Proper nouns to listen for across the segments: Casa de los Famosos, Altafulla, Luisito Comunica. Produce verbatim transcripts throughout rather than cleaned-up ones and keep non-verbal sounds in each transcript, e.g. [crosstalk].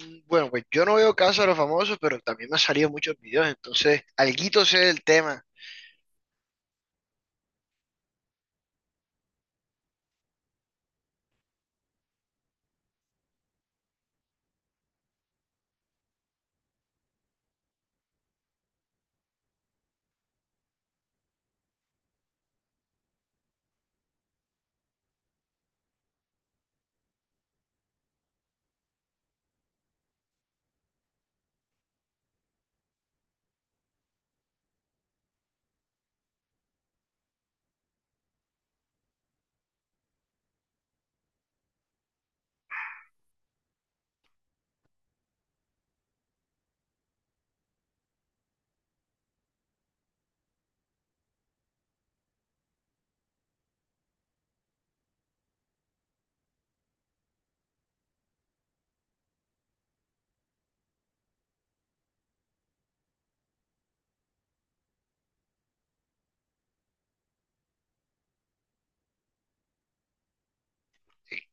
Mm, Bueno, pues yo no veo Casa de los Famosos, pero también me han salido muchos videos, entonces alguito sé del tema.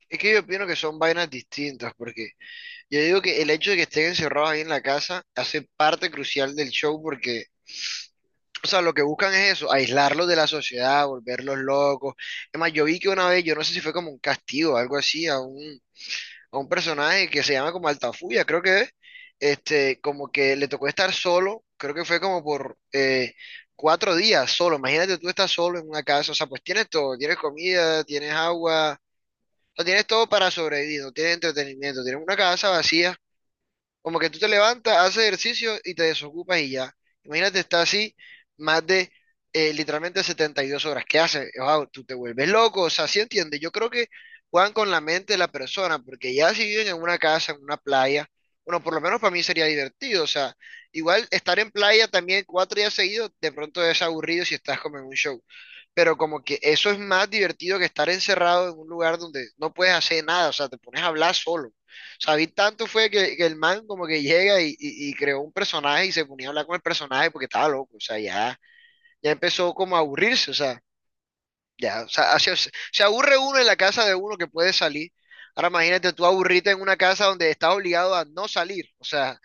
Es que yo opino que son vainas distintas, porque yo digo que el hecho de que estén encerrados ahí en la casa hace parte crucial del show, porque, o sea, lo que buscan es eso, aislarlos de la sociedad, volverlos locos. Es más, yo vi que una vez, yo no sé si fue como un castigo, algo así, a un, a un personaje que se llama como Altafulla, creo que es, este, como que le tocó estar solo, creo que fue como por eh, cuatro días solo, imagínate tú estás solo en una casa, o sea, pues tienes todo, tienes comida, tienes agua, o sea, tienes todo para sobrevivir, no tienes entretenimiento, tienes una casa vacía como que tú te levantas, haces ejercicio y te desocupas y ya. Imagínate, estar así más de eh, literalmente setenta y dos horas. ¿Qué haces? Wow, tú te vuelves loco. O sea, ¿sí entiende? Yo creo que juegan con la mente de la persona, porque ya si viven en una casa, en una playa, bueno, por lo menos para mí sería divertido. O sea, igual estar en playa también cuatro días seguidos, de pronto es aburrido si estás como en un show. Pero como que eso es más divertido que estar encerrado en un lugar donde no puedes hacer nada. O sea, te pones a hablar solo. David tanto fue que, que el man como que llega y, y- y creó un personaje y se ponía a hablar con el personaje porque estaba loco, o sea, ya, ya empezó como a aburrirse, o sea, ya, o sea, se, se aburre uno en la casa de uno que puede salir. Ahora imagínate tú aburrirte en una casa donde estás obligado a no salir, o sea,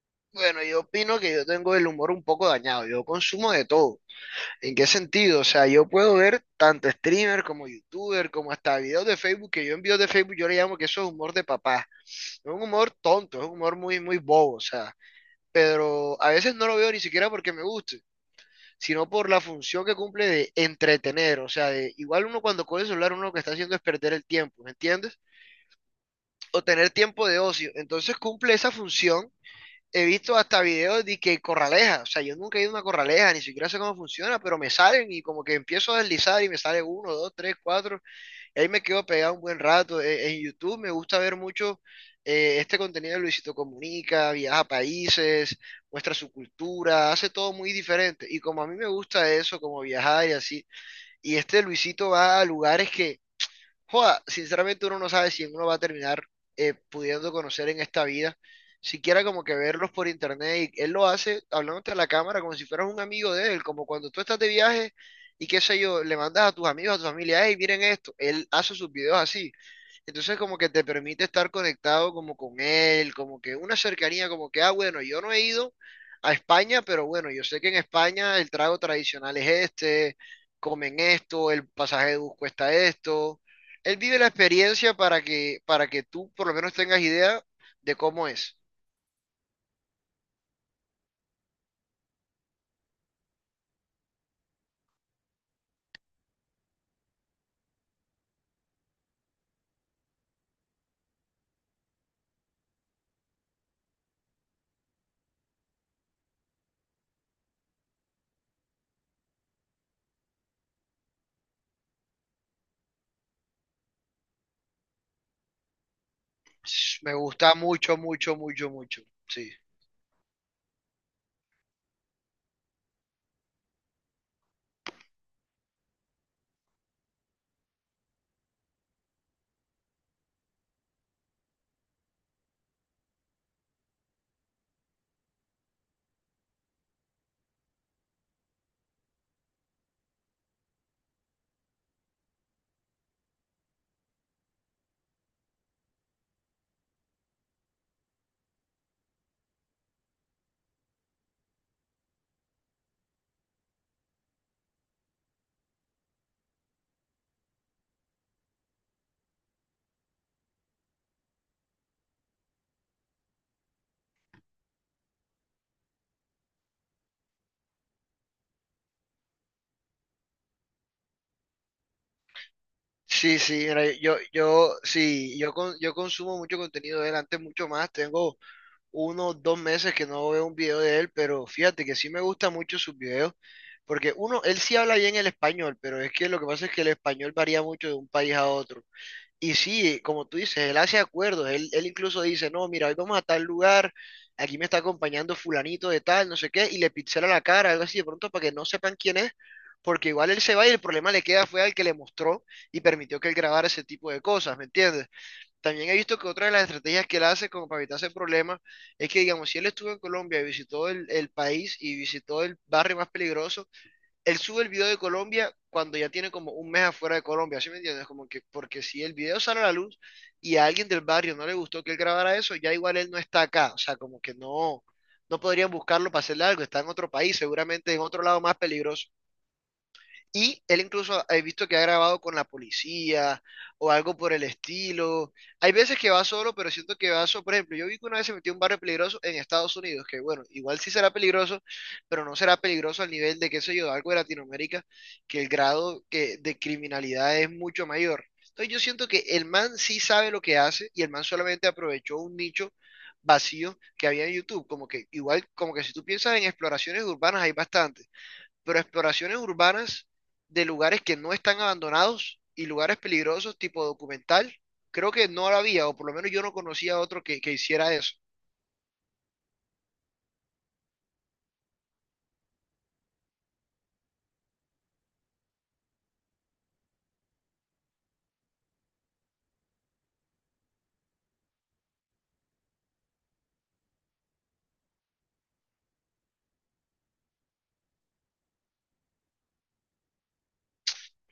[laughs] bueno, yo opino que yo tengo el humor un poco dañado, yo consumo de todo. ¿En qué sentido? O sea, yo puedo ver tanto streamer como youtuber, como hasta videos de Facebook, que yo en videos de Facebook yo le llamo que eso es humor de papá. Es un humor tonto, es un humor muy, muy bobo, o sea, pero a veces no lo veo ni siquiera porque me guste, sino por la función que cumple de entretener, o sea, de, igual uno cuando coge el celular, uno lo que está haciendo es perder el tiempo, ¿me entiendes? O tener tiempo de ocio, entonces cumple esa función he visto hasta videos de que corraleja, o sea, yo nunca he ido a una corraleja, ni siquiera sé cómo funciona, pero me salen y como que empiezo a deslizar y me sale uno, dos, tres, cuatro, y ahí me quedo pegado un buen rato. E- e, En, YouTube me gusta ver mucho eh, este contenido de Luisito Comunica, viaja a países, muestra su cultura, hace todo muy diferente. Y como a mí me gusta eso, como viajar y así, y este Luisito va a lugares que joda, sinceramente uno no sabe si uno va a terminar eh, pudiendo conocer en esta vida, siquiera como que verlos por internet, y él lo hace hablándote a la cámara como si fueras un amigo de él, como cuando tú estás de viaje y qué sé yo, le mandas a tus amigos, a tu familia, hey, miren esto, él hace sus videos así, entonces como que te permite estar conectado como con él, como que una cercanía, como que, ah, bueno, yo no he ido a España, pero bueno, yo sé que en España el trago tradicional es este, comen esto, el pasaje de bus cuesta esto. Él vive la experiencia para que, para que tú por lo menos tengas idea de cómo es. Me gusta mucho, mucho, mucho, mucho. Sí. Sí, sí, mira, yo, yo, sí, yo, con- yo consumo mucho contenido de él, antes mucho más, tengo uno, o dos meses que no veo un video de él, pero fíjate que sí me gustan mucho sus videos, porque uno, él sí habla bien el español, pero es que lo que pasa es que el español varía mucho de un país a otro. Y sí, como tú dices, él hace acuerdos, él, él incluso dice, no, mira, hoy vamos a tal lugar, aquí me está acompañando fulanito de tal, no sé qué, y le pixela la cara, algo así de pronto para que no sepan quién es. Porque igual él se va y el problema le queda fue al que le mostró y permitió que él grabara ese tipo de cosas, ¿me entiendes? También he visto que otra de las estrategias que él hace como para evitarse problemas es que, digamos, si él estuvo en Colombia y visitó el, el país y visitó el barrio más peligroso, él sube el video de Colombia cuando ya tiene como un mes afuera de Colombia, ¿sí me entiendes? Como que, porque si el video sale a la luz y a alguien del barrio no le gustó que él grabara eso, ya igual él no está acá, o sea, como que no, no podrían buscarlo para hacerle algo, está en otro país, seguramente en otro lado más peligroso. Y él incluso he visto que ha grabado con la policía o algo por el estilo. Hay veces que va solo, pero siento que va solo. Por ejemplo, yo vi que una vez se metió en un barrio peligroso en Estados Unidos, que bueno, igual sí será peligroso, pero no será peligroso al nivel de, qué sé yo, de algo de Latinoamérica, que el grado que, de criminalidad es mucho mayor. Entonces yo siento que el man sí sabe lo que hace y el man solamente aprovechó un nicho vacío que había en YouTube. Como que igual, como que si tú piensas en exploraciones urbanas hay bastante pero exploraciones urbanas de lugares que no están abandonados y lugares peligrosos, tipo documental, creo que no la había, o por lo menos yo no conocía otro que, que hiciera eso.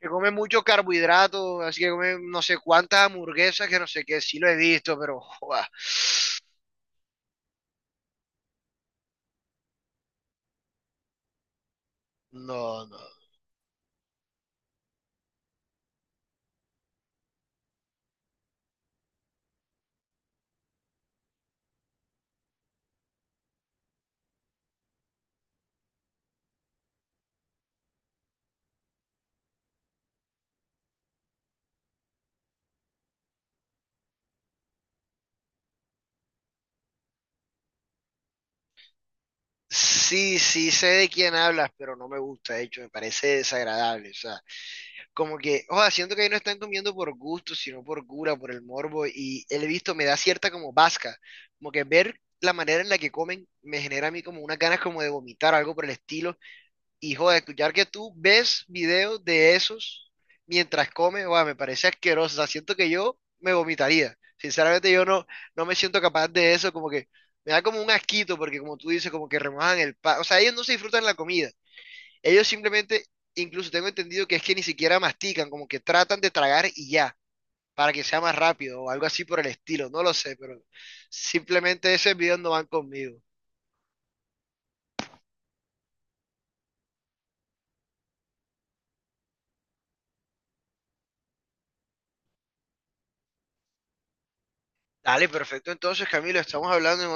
Que come mucho carbohidrato, así que come no sé cuántas hamburguesas, que no sé qué, sí lo he visto, pero joa, no, no. Sí, sí sé de quién hablas, pero no me gusta, de hecho, me parece desagradable, o sea, como que, o sea, siento que ahí no están comiendo por gusto, sino por cura, por el morbo, y el visto me da cierta como vasca, como que ver la manera en la que comen me genera a mí como unas ganas como de vomitar, algo por el estilo, y joder, escuchar que tú ves videos de esos mientras comes, sea, me parece asqueroso, o sea, siento que yo me vomitaría, sinceramente yo no, no me siento capaz de eso, como que me da como un asquito, porque como tú dices, como que remojan el pan, o sea, ellos no se disfrutan la comida ellos simplemente, incluso tengo entendido que es que ni siquiera mastican, como que tratan de tragar y ya, para que sea más rápido o algo así por el estilo, no lo sé, pero simplemente ese video no van conmigo. Dale, perfecto. Entonces, Camilo, estamos hablando en